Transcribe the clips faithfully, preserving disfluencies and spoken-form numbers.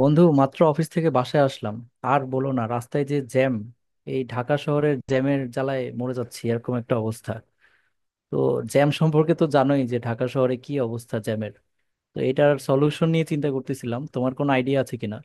বন্ধু, মাত্র অফিস থেকে বাসায় আসলাম। আর বলো না, রাস্তায় যে জ্যাম! এই ঢাকা শহরের জ্যামের জ্বালায় মরে যাচ্ছি, এরকম একটা অবস্থা। তো জ্যাম সম্পর্কে তো জানোই যে ঢাকা শহরে কি অবস্থা জ্যামের। তো এটার সলিউশন নিয়ে চিন্তা করতেছিলাম, তোমার কোনো আইডিয়া আছে কিনা?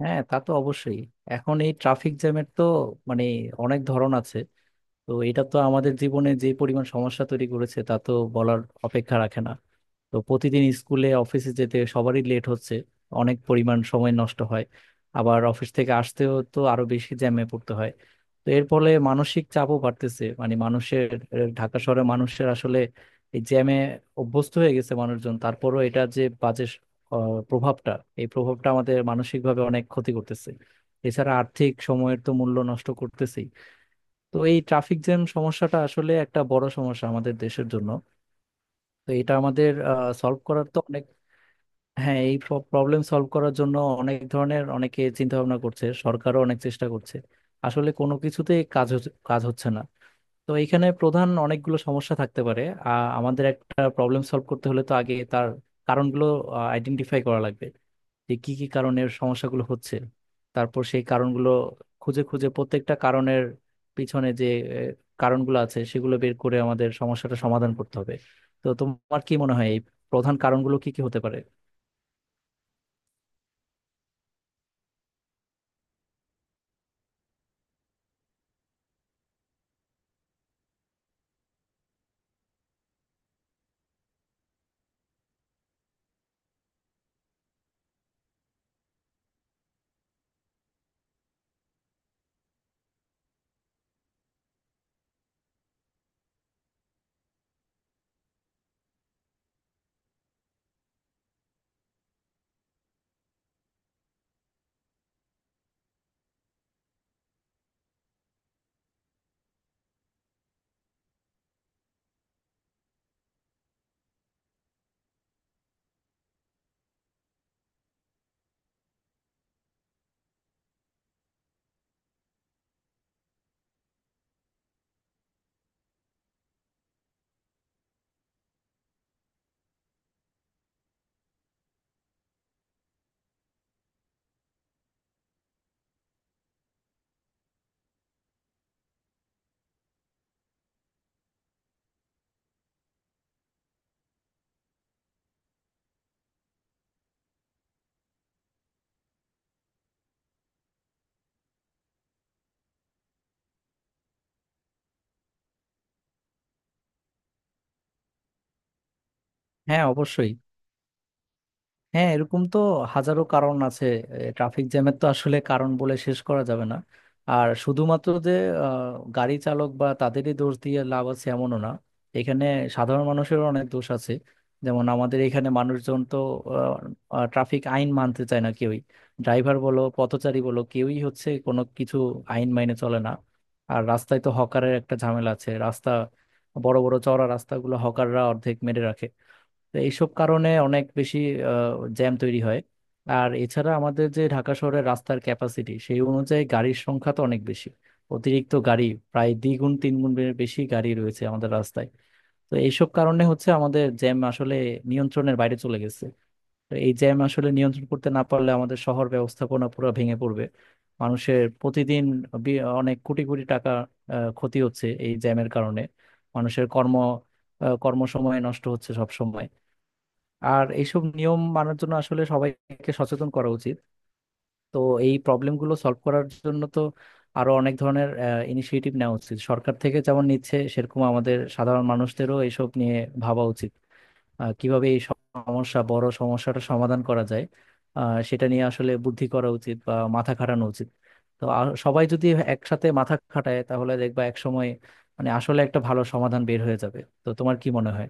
হ্যাঁ, তা তো অবশ্যই। এখন এই ট্রাফিক জ্যামের তো মানে অনেক ধরন আছে। তো এটা তো আমাদের জীবনে যে পরিমাণ সমস্যা তৈরি করেছে তা তো বলার অপেক্ষা রাখে না। তো প্রতিদিন স্কুলে অফিসে যেতে সবারই লেট হচ্ছে, অনেক পরিমাণ সময় নষ্ট হয়। আবার অফিস থেকে আসতেও তো আরো বেশি জ্যামে পড়তে হয়। তো এর ফলে মানসিক চাপও বাড়তেছে মানে মানুষের। আহ, ঢাকা শহরে মানুষের আসলে এই জ্যামে অভ্যস্ত হয়ে গেছে মানুষজন, তারপরও এটা যে বাজে আহ, প্রভাবটা, এই প্রভাবটা আমাদের মানসিকভাবে অনেক ক্ষতি করতেছে। এছাড়া আর্থিক সময়ের তো মূল্য নষ্ট করতেছেই। তো এই ট্রাফিক জ্যাম সমস্যাটা আসলে একটা বড় সমস্যা আমাদের দেশের জন্য। তো এটা আমাদের সলভ করার তো অনেক। হ্যাঁ, এই প্রবলেম সলভ করার জন্য অনেক ধরনের অনেকে চিন্তা ভাবনা করছে, সরকারও অনেক চেষ্টা করছে। আসলে কোনো কিছুতেই কাজ হচ্ছে- কাজ হচ্ছে না। তো এখানে প্রধান অনেকগুলো সমস্যা থাকতে পারে। আহ, আমাদের একটা প্রবলেম সলভ করতে হলে তো আগে তার কারণগুলো আইডেন্টিফাই করা লাগবে, যে কি কি কারণের সমস্যাগুলো হচ্ছে। তারপর সেই কারণগুলো খুঁজে খুঁজে প্রত্যেকটা কারণের পিছনে যে আহ, কারণগুলো আছে সেগুলো বের করে আমাদের সমস্যাটা সমাধান করতে হবে। তো তোমার কি মনে হয় এই প্রধান কারণগুলো কি কি হতে পারে? হ্যাঁ, অবশ্যই। হ্যাঁ, এরকম তো হাজারো কারণ আছে, ট্রাফিক জ্যামের তো আসলে কারণ বলে শেষ করা যাবে না। আর শুধুমাত্র যে আহ, গাড়ি চালক বা তাদেরই দোষ দিয়ে লাভ আছে এমনও না, এখানে সাধারণ মানুষেরও অনেক দোষ আছে। যেমন আমাদের এখানে মানুষজন তো ট্রাফিক আইন মানতে চায় না কেউই। ড্রাইভার বলো, পথচারী বলো, কেউই হচ্ছে কোনো কিছু আইন মাইনে চলে না। আর রাস্তায় তো হকারের একটা ঝামেলা আছে, রাস্তা বড় বড় চওড়া রাস্তাগুলো হকাররা অর্ধেক মেরে রাখে। তো এইসব কারণে অনেক বেশি জ্যাম তৈরি হয়। আর এছাড়া আমাদের যে ঢাকা শহরের রাস্তার ক্যাপাসিটি, সেই অনুযায়ী গাড়ির সংখ্যা তো অনেক বেশি, অতিরিক্ত গাড়ি, প্রায় দ্বিগুণ তিন গুণ বে- বেশি গাড়ি রয়েছে আমাদের রাস্তায়। তো এইসব কারণে হচ্ছে আমাদের জ্যাম আসলে নিয়ন্ত্রণের বাইরে চলে গেছে। তো এই জ্যাম আসলে নিয়ন্ত্রণ করতে না পারলে আমাদের শহর ব্যবস্থাপনা পুরো ভেঙে পড়বে। মানুষের প্রতিদিন বি- অনেক কোটি কোটি টাকা আহ, ক্ষতি হচ্ছে এই জ্যামের কারণে। মানুষের কর্ম, আহ, কর্মসময় নষ্ট হচ্ছে সব সময়। আর এইসব নিয়ম মানার জন্য আসলে সবাইকে সচেতন করা উচিত। তো এই প্রবলেমগুলো সলভ করার জন্য তো আরো অনেক ধরনের ইনিশিয়েটিভ নেওয়া উচিত সরকার থেকে, যেমন নিচ্ছে, সেরকম আমাদের সাধারণ মানুষদেরও এইসব নিয়ে ভাবা উচিত। আহ, কিভাবে এই সমস্যা বড় সমস্যাটা সমাধান করা যায়, আহ, সেটা নিয়ে আসলে বুদ্ধি করা উচিত বা মাথা খাটানো উচিত। তো আর সবাই যদি একসাথে মাথা খাটায় তাহলে দেখবা একসময় মানে আসলে একটা ভালো সমাধান বের হয়ে যাবে। তো তোমার কি মনে হয়?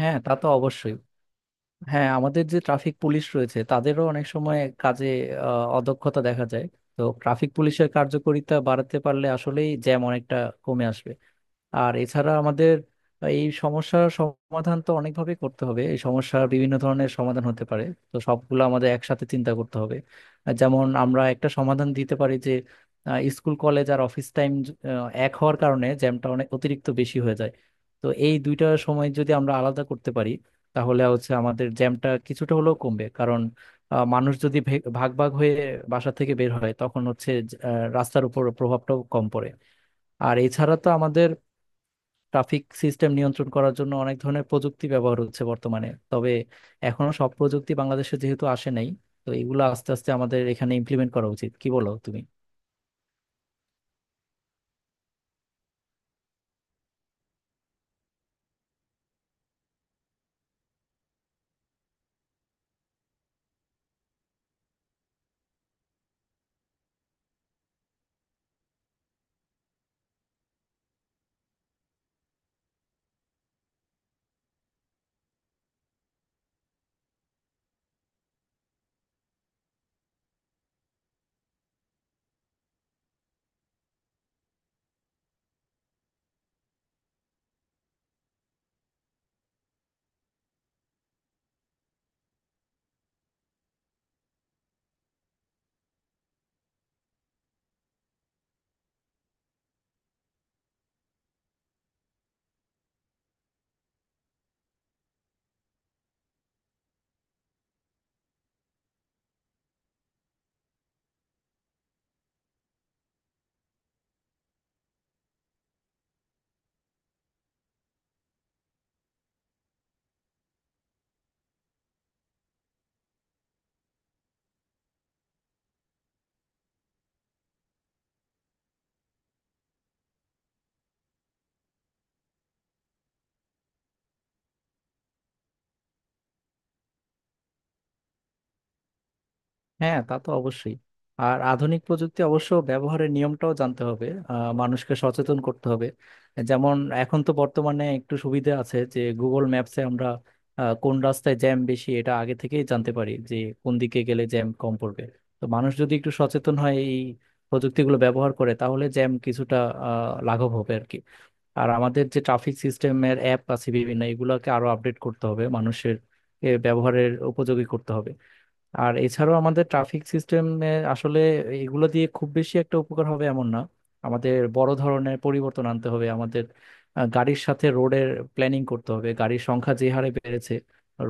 হ্যাঁ, তা তো অবশ্যই। হ্যাঁ, আমাদের যে ট্রাফিক পুলিশ রয়েছে তাদেরও অনেক সময় কাজে আহ, অদক্ষতা দেখা যায়। তো ট্রাফিক পুলিশের কার্যকারিতা বাড়াতে পারলে আসলেই জ্যাম অনেকটা কমে আসবে। আর এছাড়া আমাদের এই সমস্যার সমাধান তো অনেকভাবে করতে হবে, এই সমস্যার বিভিন্ন ধরনের সমাধান হতে পারে। তো সবগুলো আমাদের একসাথে চিন্তা করতে হবে। আর যেমন আমরা একটা সমাধান দিতে পারি যে আহ, স্কুল কলেজ আর অফিস টাইম এক হওয়ার কারণে জ্যামটা অনেক অতিরিক্ত বেশি হয়ে যায়। তো এই দুইটা সময় যদি আমরা আলাদা করতে পারি তাহলে হচ্ছে আমাদের জ্যামটা কিছুটা হলেও কমবে, কারণ আহ, মানুষ যদি ভে- ভাগ ভাগ হয়ে বাসা থেকে বের হয় তখন হচ্ছে আহ, রাস্তার উপর প্রভাবটাও কম পড়ে। আর এছাড়া তো আমাদের ট্রাফিক সিস্টেম নিয়ন্ত্রণ করার জন্য অনেক ধরনের প্রযুক্তি ব্যবহার হচ্ছে বর্তমানে, তবে এখনো সব প্রযুক্তি বাংলাদেশে যেহেতু আসে নাই, তো এগুলো আস্তে আস্তে আমাদের এখানে ইমপ্লিমেন্ট করা উচিত, কি বলো তুমি? হ্যাঁ, তা তো অবশ্যই। আর আধুনিক প্রযুক্তি অবশ্য ব্যবহারের নিয়মটাও জানতে হবে, আহ, মানুষকে সচেতন করতে হবে। যেমন এখন তো বর্তমানে একটু সুবিধা আছে যে গুগল ম্যাপসে আমরা আহ, কোন রাস্তায় জ্যাম বেশি এটা আগে থেকেই জানতে পারি, যে কোন দিকে গেলে জ্যাম কম পড়বে। তো মানুষ যদি একটু সচেতন হয় এই প্রযুক্তিগুলো ব্যবহার করে, তাহলে জ্যাম কিছুটা আহ, লাঘব হবে আর কি। আর আমাদের যে ট্রাফিক সিস্টেমের অ্যাপ আছে বিভিন্ন, এগুলোকে আরো আপডেট করতে হবে মানুষের এ, ব্যবহারের উপযোগী করতে হবে। আর এছাড়াও আমাদের ট্রাফিক সিস্টেমে আসলে এগুলো দিয়ে খুব বেশি একটা উপকার হবে এমন না, আমাদের বড় ধরনের পরিবর্তন আনতে হবে। আমাদের আহ, গাড়ির সাথে রোডের প্ল্যানিং করতে হবে, গাড়ির সংখ্যা যে হারে বেড়েছে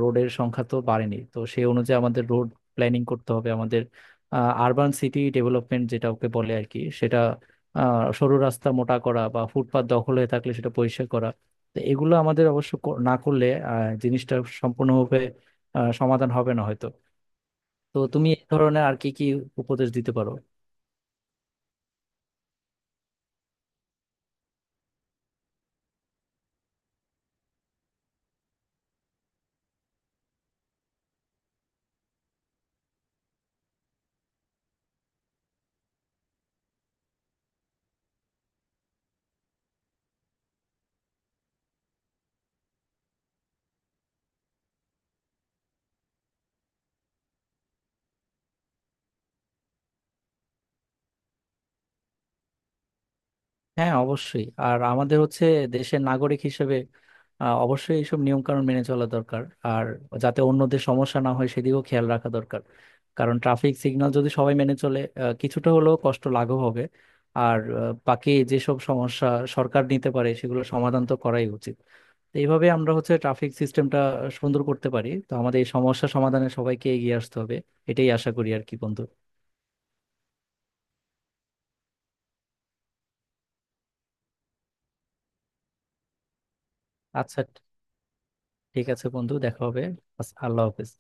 রোডের সংখ্যা তো বাড়েনি। তো সেই অনুযায়ী আমাদের রোড প্ল্যানিং করতে হবে, আমাদের আরবান সিটি ডেভেলপমেন্ট যেটা ওকে বলে আর কি, সেটা আহ, সরু রাস্তা মোটা করা বা ফুটপাত দখল হয়ে থাকলে সেটা পরিষ্কার করা। তো এগুলো আমাদের অবশ্য কর- না করলে আহ, জিনিসটা সম্পূর্ণভাবে আহ, সমাধান হবে না হয়তো। তো তুমি এই ধরনের আর কি কি উপদেশ দিতে পারো? হ্যাঁ, অবশ্যই। আর আমাদের হচ্ছে দেশের নাগরিক হিসেবে আহ, অবশ্যই এইসব নিয়ম কানুন মেনে চলা দরকার, আর যাতে অন্যদের সমস্যা না হয় সেদিকেও খেয়াল রাখা দরকার। কারণ ট্রাফিক সিগন্যাল যদি সবাই মেনে চলে আহ, কিছুটা হলেও কষ্ট লাঘব হবে। আর আহ, বাকি যেসব সমস্যা সরকার নিতে পারে সেগুলো সমাধান তো করাই উচিত। তো এইভাবে আমরা হচ্ছে ট্রাফিক সিস্টেমটা সুন্দর করতে পারি। তো আমাদের এই সমস্যা সমাধানে সবাইকে এগিয়ে আসতে হবে, এটাই আশা করি আর কি বন্ধু। আচ্ছা, ঠিক আছে বন্ধু, দেখা হবে। আল্লাহ হাফেজ।